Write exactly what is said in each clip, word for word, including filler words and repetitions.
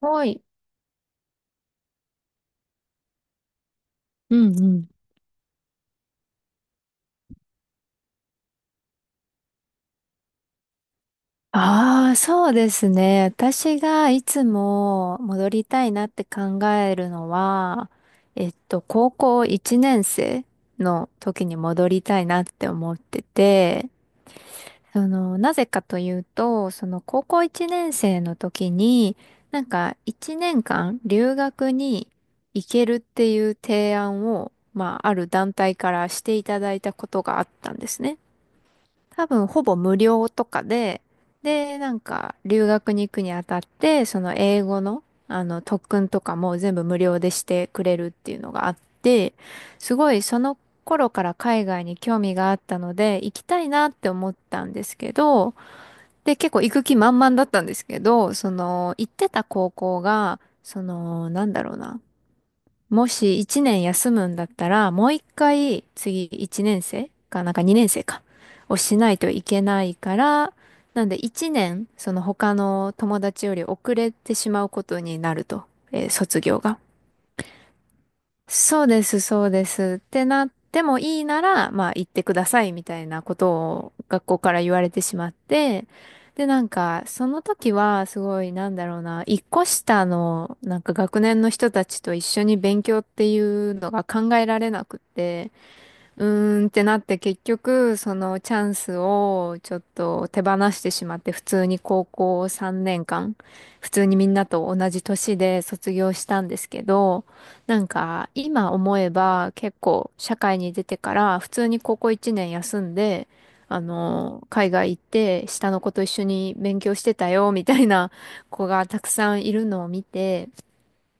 はい。うんうん。ああ、そうですね。私がいつも戻りたいなって考えるのは、えっと、高校いちねん生の時に戻りたいなって思ってて、その、なぜかというと、その高校いちねん生の時に、なんかいちねんかん留学に行けるっていう提案を、まあ、ある団体からしていただいたことがあったんですね。多分ほぼ無料とかで、で、なんか留学に行くにあたって、その英語の、あの特訓とかも全部無料でしてくれるっていうのがあって、すごいその頃から海外に興味があったので、行きたいなって思ったんですけど、で、結構行く気満々だったんですけど、その行ってた高校が、その、なんだろうな。もしいちねん休むんだったら、もう一回次いちねん生か、なんかにねん生か、をしないといけないから、なんでいちねん、その他の友達より遅れてしまうことになると。えー卒業が。そうです、そうです。ってなってもいいなら、まあ行ってくださいみたいなことを学校から言われてしまって、で、なんか、その時はすごい、なんだろうな、一個下の、なんか学年の人たちと一緒に勉強っていうのが考えられなくて、うーんってなって結局そのチャンスをちょっと手放してしまって普通に高校さんねんかん普通にみんなと同じ年で卒業したんですけど、なんか今思えば結構社会に出てから普通に高校いちねん休んであの海外行って下の子と一緒に勉強してたよみたいな子がたくさんいるのを見て、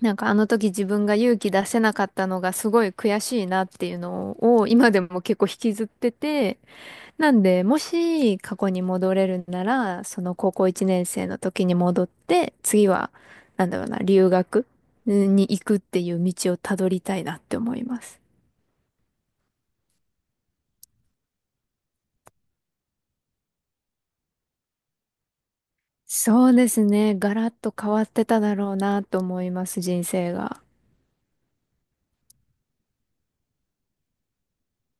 なんかあの時自分が勇気出せなかったのがすごい悔しいなっていうのを今でも結構引きずってて、なんでもし過去に戻れるなら、その高校いちねん生の時に戻って、次は、なんだろうな、留学に行くっていう道をたどりたいなって思います。そうですね。ガラッと変わってただろうなと思います、人生が。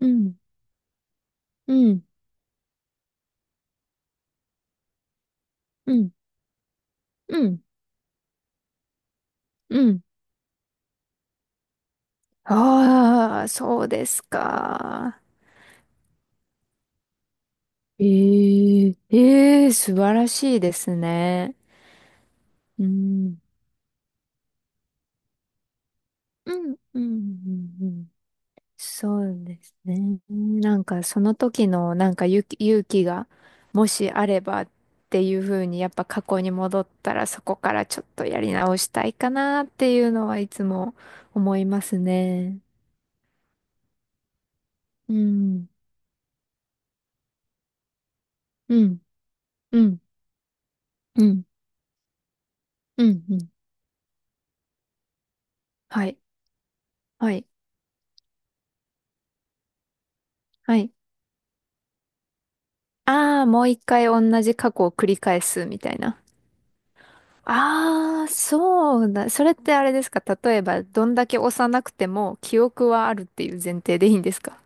うん、うん、うん、うん、うん。ああ、そうですか。ええええ素晴らしいですね。うん。うん、うん、うん、うん。そうですね。なんかその時のなんか勇気、勇気がもしあればっていう風にやっぱ過去に戻ったらそこからちょっとやり直したいかなっていうのはいつも思いますね。うん、うん、うん、うん、うん、うん。はい、はい、はい。ああ、もう一回同じ過去を繰り返すみたいな。ああ、そうだ。それってあれですか？例えば、どんだけ幼くても記憶はあるっていう前提でいいんですか？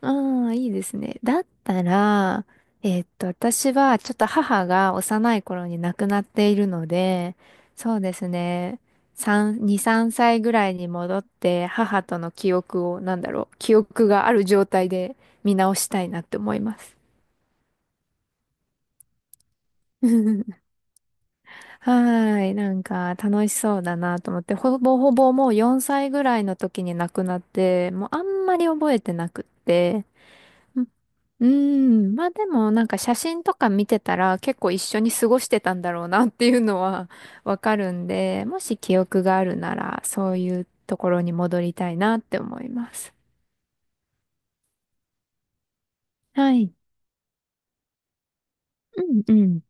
ああ、いいですね。だったら、えーっと、私はちょっと母が幼い頃に亡くなっているので、そうですね。さん、に、さんさいぐらいに戻って、母との記憶を、なんだろう、記憶がある状態で見直したいなって思います。はーい。なんか楽しそうだなと思って、ほぼほぼもうよんさいぐらいの時に亡くなって、もうあんまり覚えてなくって。ううーん。まあでもなんか写真とか見てたら結構一緒に過ごしてたんだろうなっていうのは わかるんで、もし記憶があるならそういうところに戻りたいなって思います。はい。うんうん。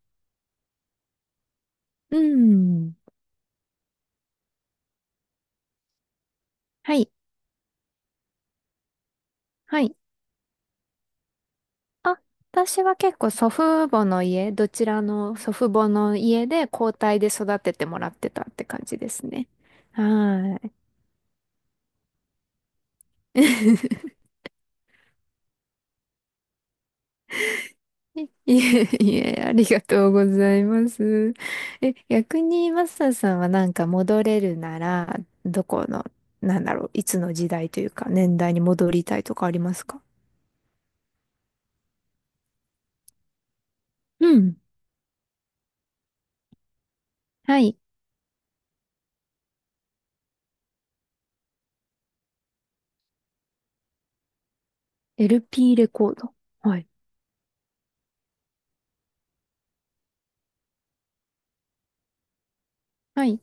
うん。はい。はい。あ、私は結構祖父母の家、どちらの祖父母の家で交代で育ててもらってたって感じですね。はーい。いえいえ、ありがとうございます。え、逆にマスターさんはなんか戻れるなら、どこの、なんだろう、いつの時代というか年代に戻りたいとかありますか？うん。はい。エルピー レコード。はい。はい。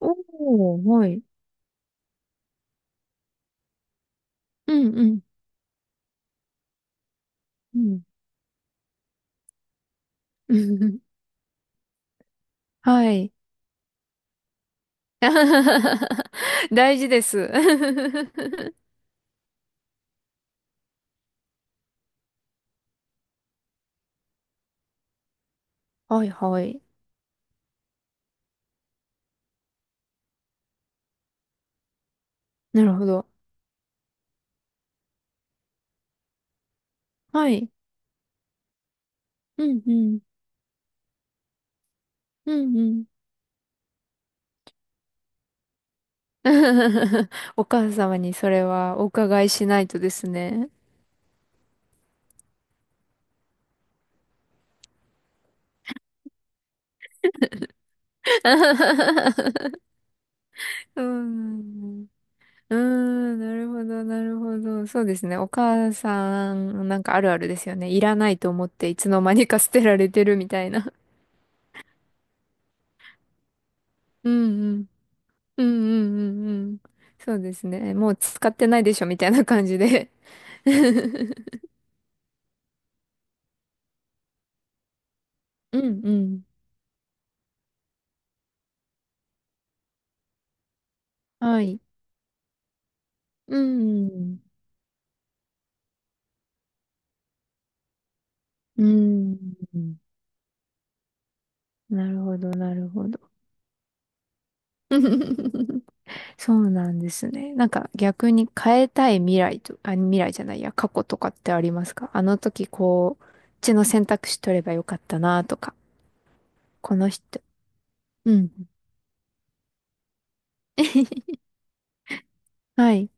おー、はい。うんうん。うん。はい。大事です。はいはい。なるほど。はい。うんうん。うんうん。お母様にそれはお伺いしないとですね。うん。うん、なるほど、なるほど。そうですね。お母さん、なんかあるあるですよね。いらないと思っていつの間にか捨てられてるみたいな。うんうん。うんうんうんうん。そうですね。もう使ってないでしょみたいな感じで うんうん。はい。うん。うん。なるほど、なるほど。そうなんですね。なんか逆に変えたい未来と、あ、未来じゃないや、過去とかってありますか？あの時こう、こっちの選択肢取ればよかったなとか、この人。うん。はい、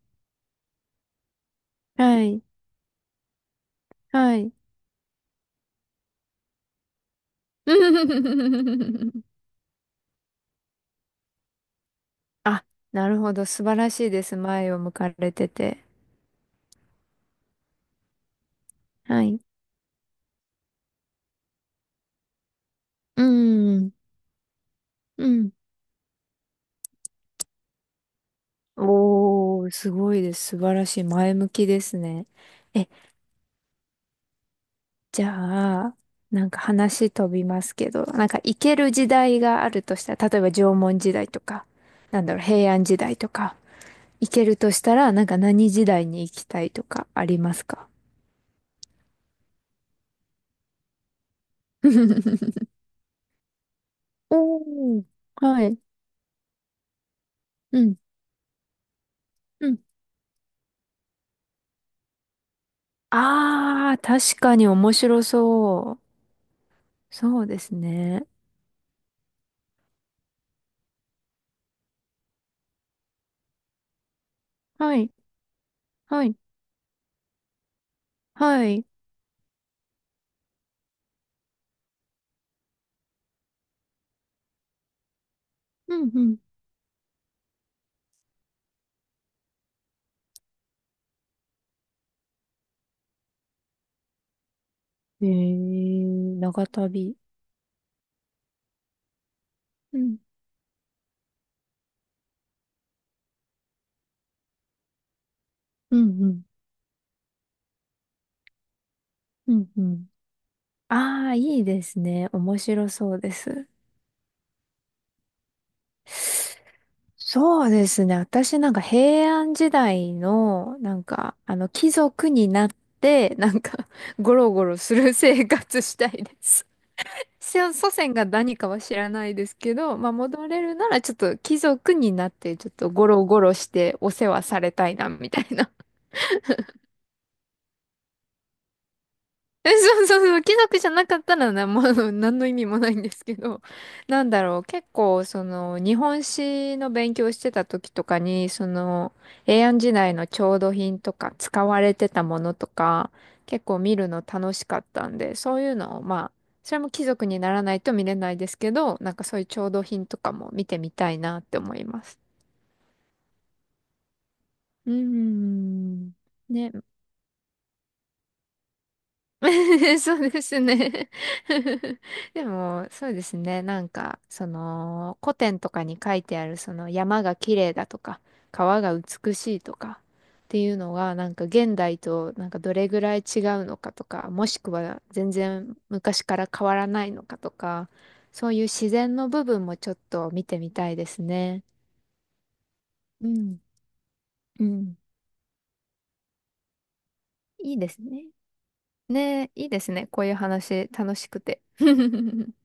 はい、はい。あ、なるほど。素晴らしいです。前を向かれてて。はい。うん、うん。おー、すごいです。素晴らしい。前向きですね。え、じゃあ、なんか話飛びますけど、なんか行ける時代があるとしたら、例えば縄文時代とか、なんだろう、平安時代とか、行けるとしたら、なんか何時代に行きたいとかありますか？ おー、はい。うん、うん。あー、確かに面白そう。そうですね。はい、はい、はい。うん、うん。えー、長旅。うん、うん、うん、うん、うん。ああ、いいですね。面白そうです。そうですね。私なんか平安時代の、なんか、あの、貴族になって、なんか、ゴロゴロする生活したいです。先祖先が何かは知らないですけど、まあ、戻れるならちょっと貴族になって、ちょっとゴロゴロしてお世話されたいな、みたいな。 え、そうそうそう、貴族じゃなかったらな、もうあの何の意味もないんですけど、なんだろう、結構、その、日本史の勉強してた時とかに、その、平安時代の調度品とか、使われてたものとか、結構見るの楽しかったんで、そういうのを、まあ、それも貴族にならないと見れないですけど、なんかそういう調度品とかも見てみたいなって思います。うーん。ね。そうですね。 でも、そうですね。なんか、その、古典とかに書いてある、その、山が綺麗だとか、川が美しいとか、っていうのが、なんか、現代と、なんか、どれぐらい違うのかとか、もしくは、全然昔から変わらないのかとか、そういう自然の部分もちょっと見てみたいですね。うん。うん。いいですね。ねえ、いいですね。こういう話、楽しくて。